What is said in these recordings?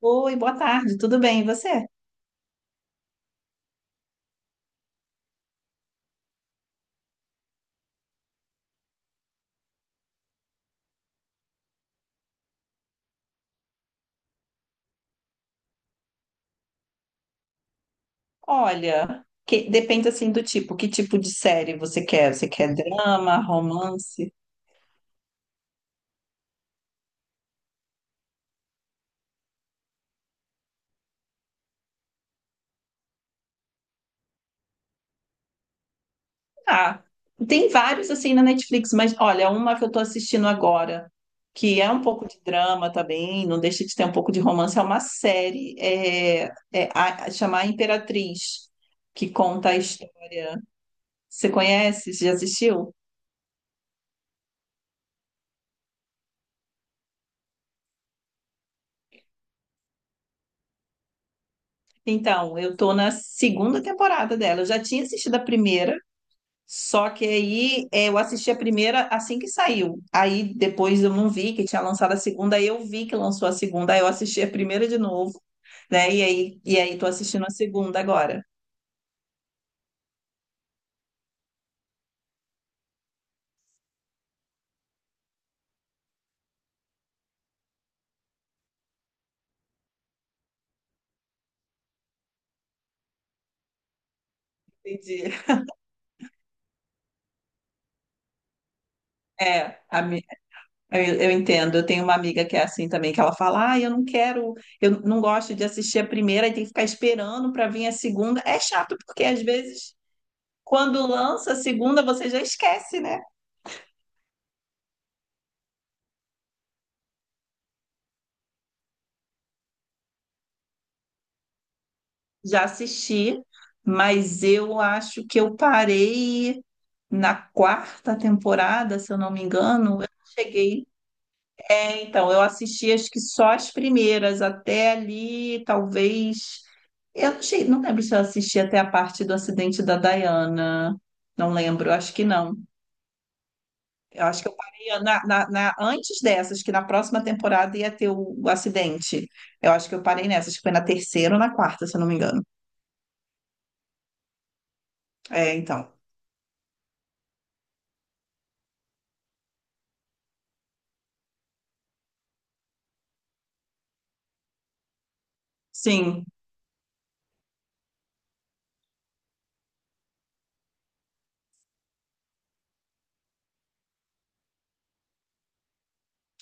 Oi, boa tarde, tudo bem? E você? Olha, depende assim do tipo, que tipo de série você quer? Você quer drama, romance? Ah, tem vários assim na Netflix, mas olha, uma que eu tô assistindo agora, que é um pouco de drama também, não deixa de ter um pouco de romance, é uma série chamar Imperatriz, que conta a história. Você conhece? Você já assistiu? Então, eu tô na segunda temporada dela. Eu já tinha assistido a primeira. Só que aí eu assisti a primeira assim que saiu. Aí depois eu não vi que tinha lançado a segunda, aí eu vi que lançou a segunda, aí eu assisti a primeira de novo, né? E aí tô assistindo a segunda agora. Entendi. É, a mi- eu entendo. Eu tenho uma amiga que é assim também, que ela fala: ah, eu não quero, eu não gosto de assistir a primeira e tem que ficar esperando para vir a segunda. É chato, porque às vezes, quando lança a segunda, você já esquece, né? Já assisti, mas eu acho que eu parei na quarta temporada, se eu não me engano, eu cheguei. É, então, eu assisti acho que só as primeiras, até ali, talvez. Eu não, cheguei, não lembro se eu assisti até a parte do acidente da Diana. Não lembro, acho que não. Eu acho que eu parei na, antes dessas, que na próxima temporada ia ter o acidente. Eu acho que eu parei nessas, que foi na terceira ou na quarta, se eu não me engano. É, então. Sim,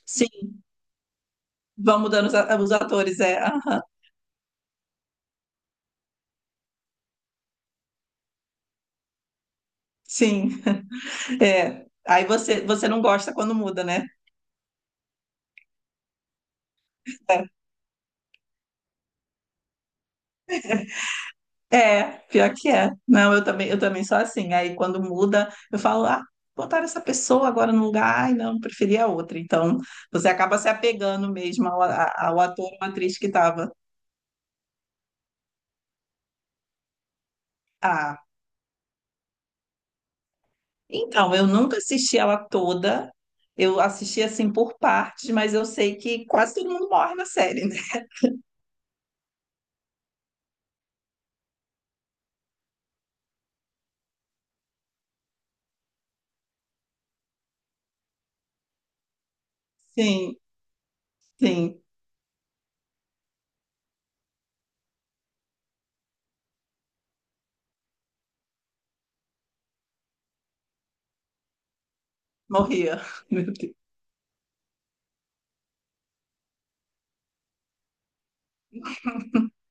sim. Vão mudando os atores, é. Ah, sim. É. Aí você, você não gosta quando muda, né? É, é, pior que é. Não, eu também sou assim. Aí quando muda, eu falo, ah, botaram essa pessoa agora no lugar, ai, não, preferia outra. Então, você acaba se apegando mesmo ao ator ou atriz que estava. Ah, então, eu nunca assisti ela toda. Eu assisti assim por partes, mas eu sei que quase todo mundo morre na série, né? Sim, sim, morria. Meu Deus.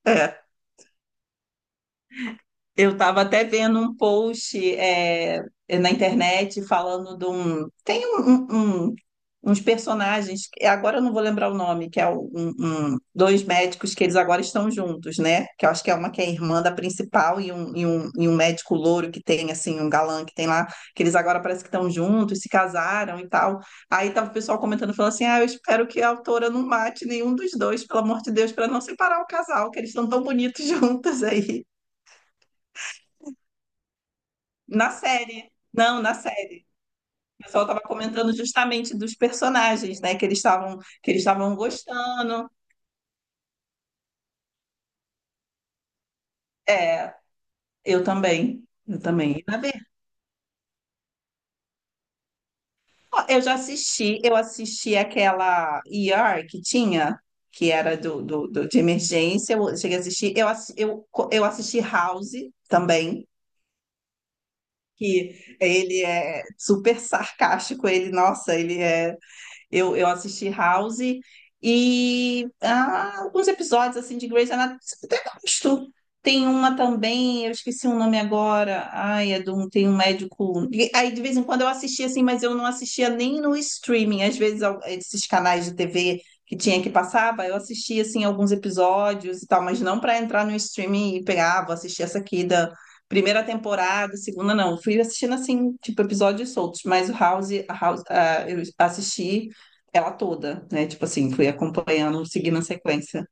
É. Eu estava até vendo um post na internet falando de um. Tem uns personagens, agora eu não vou lembrar o nome, que é dois médicos que eles agora estão juntos, né? Que eu acho que é uma que é irmã da principal e um, e um médico louro que tem, assim, um galã que tem lá, que eles agora parece que estão juntos, se casaram e tal. Aí tava o pessoal comentando, falando assim: ah, eu espero que a autora não mate nenhum dos dois, pelo amor de Deus, para não separar o casal, que eles estão tão bonitos juntos aí. Na série. Não, na série. O pessoal estava comentando justamente dos personagens, né? Que eles estavam gostando. É, eu também. Eu também ia ver. Ó, eu já assisti, eu assisti aquela ER que tinha, que era de emergência, eu cheguei a assistir. Eu assisti House também, que ele é super sarcástico, ele, nossa, ele é. Eu assisti House e ah, alguns episódios assim de Grey's Anatomy, mas tem uma também, eu esqueci o nome agora. Ai, é de um, tem um médico. E aí de vez em quando eu assistia assim, mas eu não assistia nem no streaming. Às vezes esses canais de TV que tinha que passava, eu assistia assim alguns episódios e tal, mas não para entrar no streaming e pegar, ah, vou assistir essa aqui da primeira temporada, segunda não. Eu fui assistindo assim, tipo episódios soltos, mas o House, a House, ah, eu assisti ela toda, né? Tipo assim, fui acompanhando, seguindo a sequência.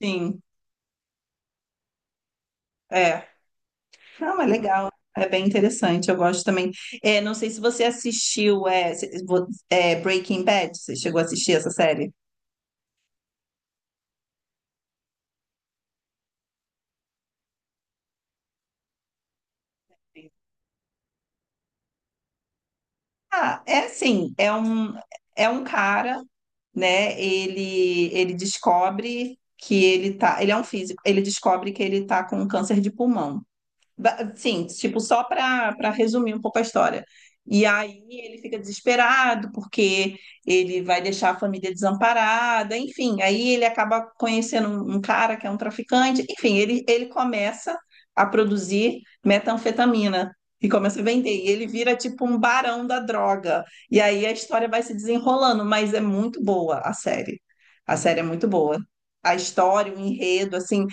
Sim. É. Não, é legal. É bem interessante, eu gosto também. É, não sei se você assistiu Breaking Bad, você chegou a assistir essa série? Ah, é assim, é um, é um cara, né? Ele descobre que ele tá, ele é um físico, ele descobre que ele tá com câncer de pulmão. Sim, tipo, só para resumir um pouco a história. E aí ele fica desesperado porque ele vai deixar a família desamparada, enfim. Aí ele acaba conhecendo um cara que é um traficante, enfim, ele começa a produzir metanfetamina e começa a vender. E ele vira tipo um barão da droga. E aí a história vai se desenrolando, mas é muito boa a série. A série é muito boa. A história, o enredo, assim.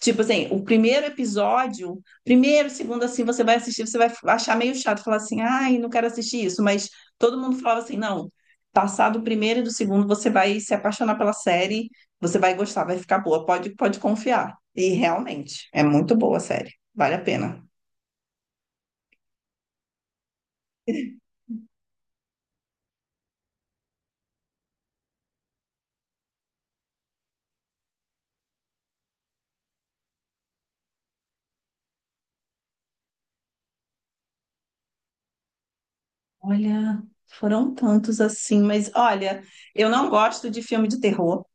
Tipo assim, o primeiro episódio, primeiro, segundo, assim, você vai assistir, você vai achar meio chato, falar assim, ai, não quero assistir isso, mas todo mundo falava assim, não, passado o primeiro e do segundo, você vai se apaixonar pela série, você vai gostar, vai ficar boa, pode, pode confiar. E realmente, é muito boa a série, vale a pena. Olha, foram tantos assim, mas olha, eu não gosto de filme de terror.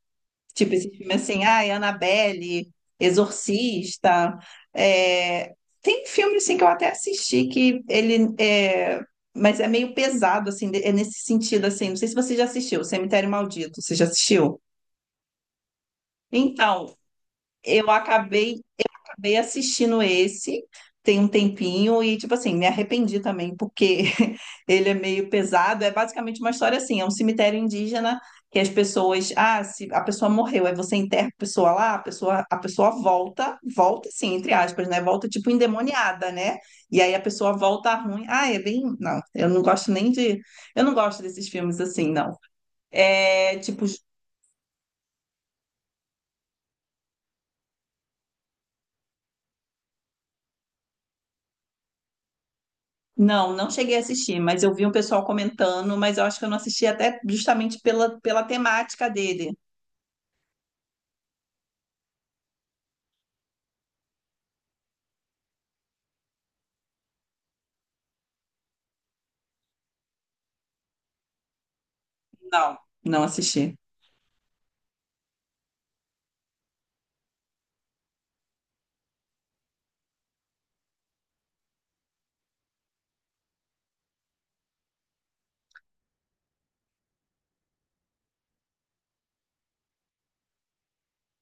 Tipo, esse filme assim, ai, Annabelle, Exorcista. é, Tem filme assim que eu até assisti que ele é... Mas é meio pesado, assim, é nesse sentido, assim. Não sei se você já assistiu, Cemitério Maldito, você já assistiu? Então, eu acabei acabei assistindo esse tem um tempinho e, tipo assim, me arrependi também, porque ele é meio pesado. É basicamente uma história assim: é um cemitério indígena que as pessoas. Ah, se a pessoa morreu, aí você enterra a pessoa lá, a pessoa volta, volta assim, entre aspas, né? Volta tipo endemoniada, né? E aí a pessoa volta ruim. Ah, é bem. Não, eu não gosto nem de. Eu não gosto desses filmes assim, não. É tipo. Não, não cheguei a assistir, mas eu vi um pessoal comentando, mas eu acho que eu não assisti até justamente pela, pela temática dele. Não, não assisti.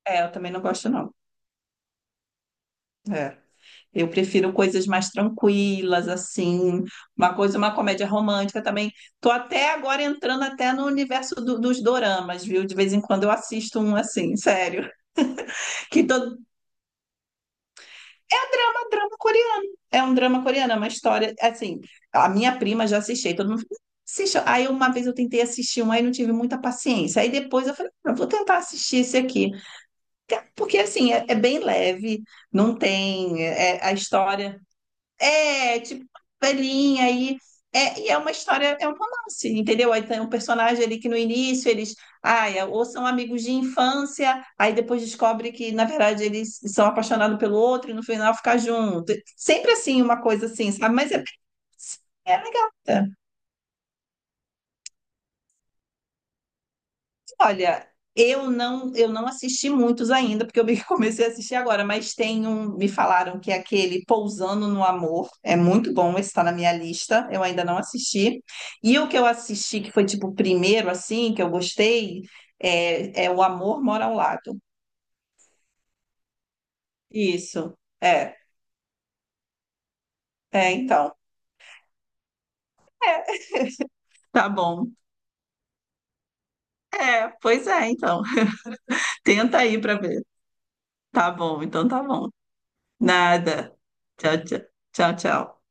É, eu também não gosto, não. É. Eu prefiro coisas mais tranquilas, assim, uma coisa, uma comédia romântica também. Tô até agora entrando até no universo dos doramas, viu? De vez em quando eu assisto um assim, sério. Que todo um drama coreano. É um drama coreano, é uma história. Assim, a minha prima já assistiu, todo mundo assistiu. Aí uma vez eu tentei assistir um, aí não tive muita paciência. Aí depois eu falei, "Ah, vou tentar assistir esse aqui. Porque assim, é, é bem leve, não tem. A história é, tipo, velhinha aí. É, e é uma história, é um romance, entendeu? Aí tem um personagem ali que no início eles, ai, é, ou são amigos de infância, aí depois descobre que, na verdade, eles são apaixonados pelo outro e no final ficar junto. Sempre assim, uma coisa assim, sabe? Mas é, é legal. É. Olha, eu não assisti muitos ainda, porque comecei a assistir agora, mas tem um, me falaram que é aquele Pousando no Amor, é muito bom, esse está na minha lista, eu ainda não assisti. E o que eu assisti, que foi tipo o primeiro, assim, que eu gostei, é, é O Amor Mora ao Lado. Isso, é, é, então, é, tá bom. É, pois é, então, tenta aí pra ver. Tá bom, então tá bom. Nada. Tchau, tchau, tchau, tchau.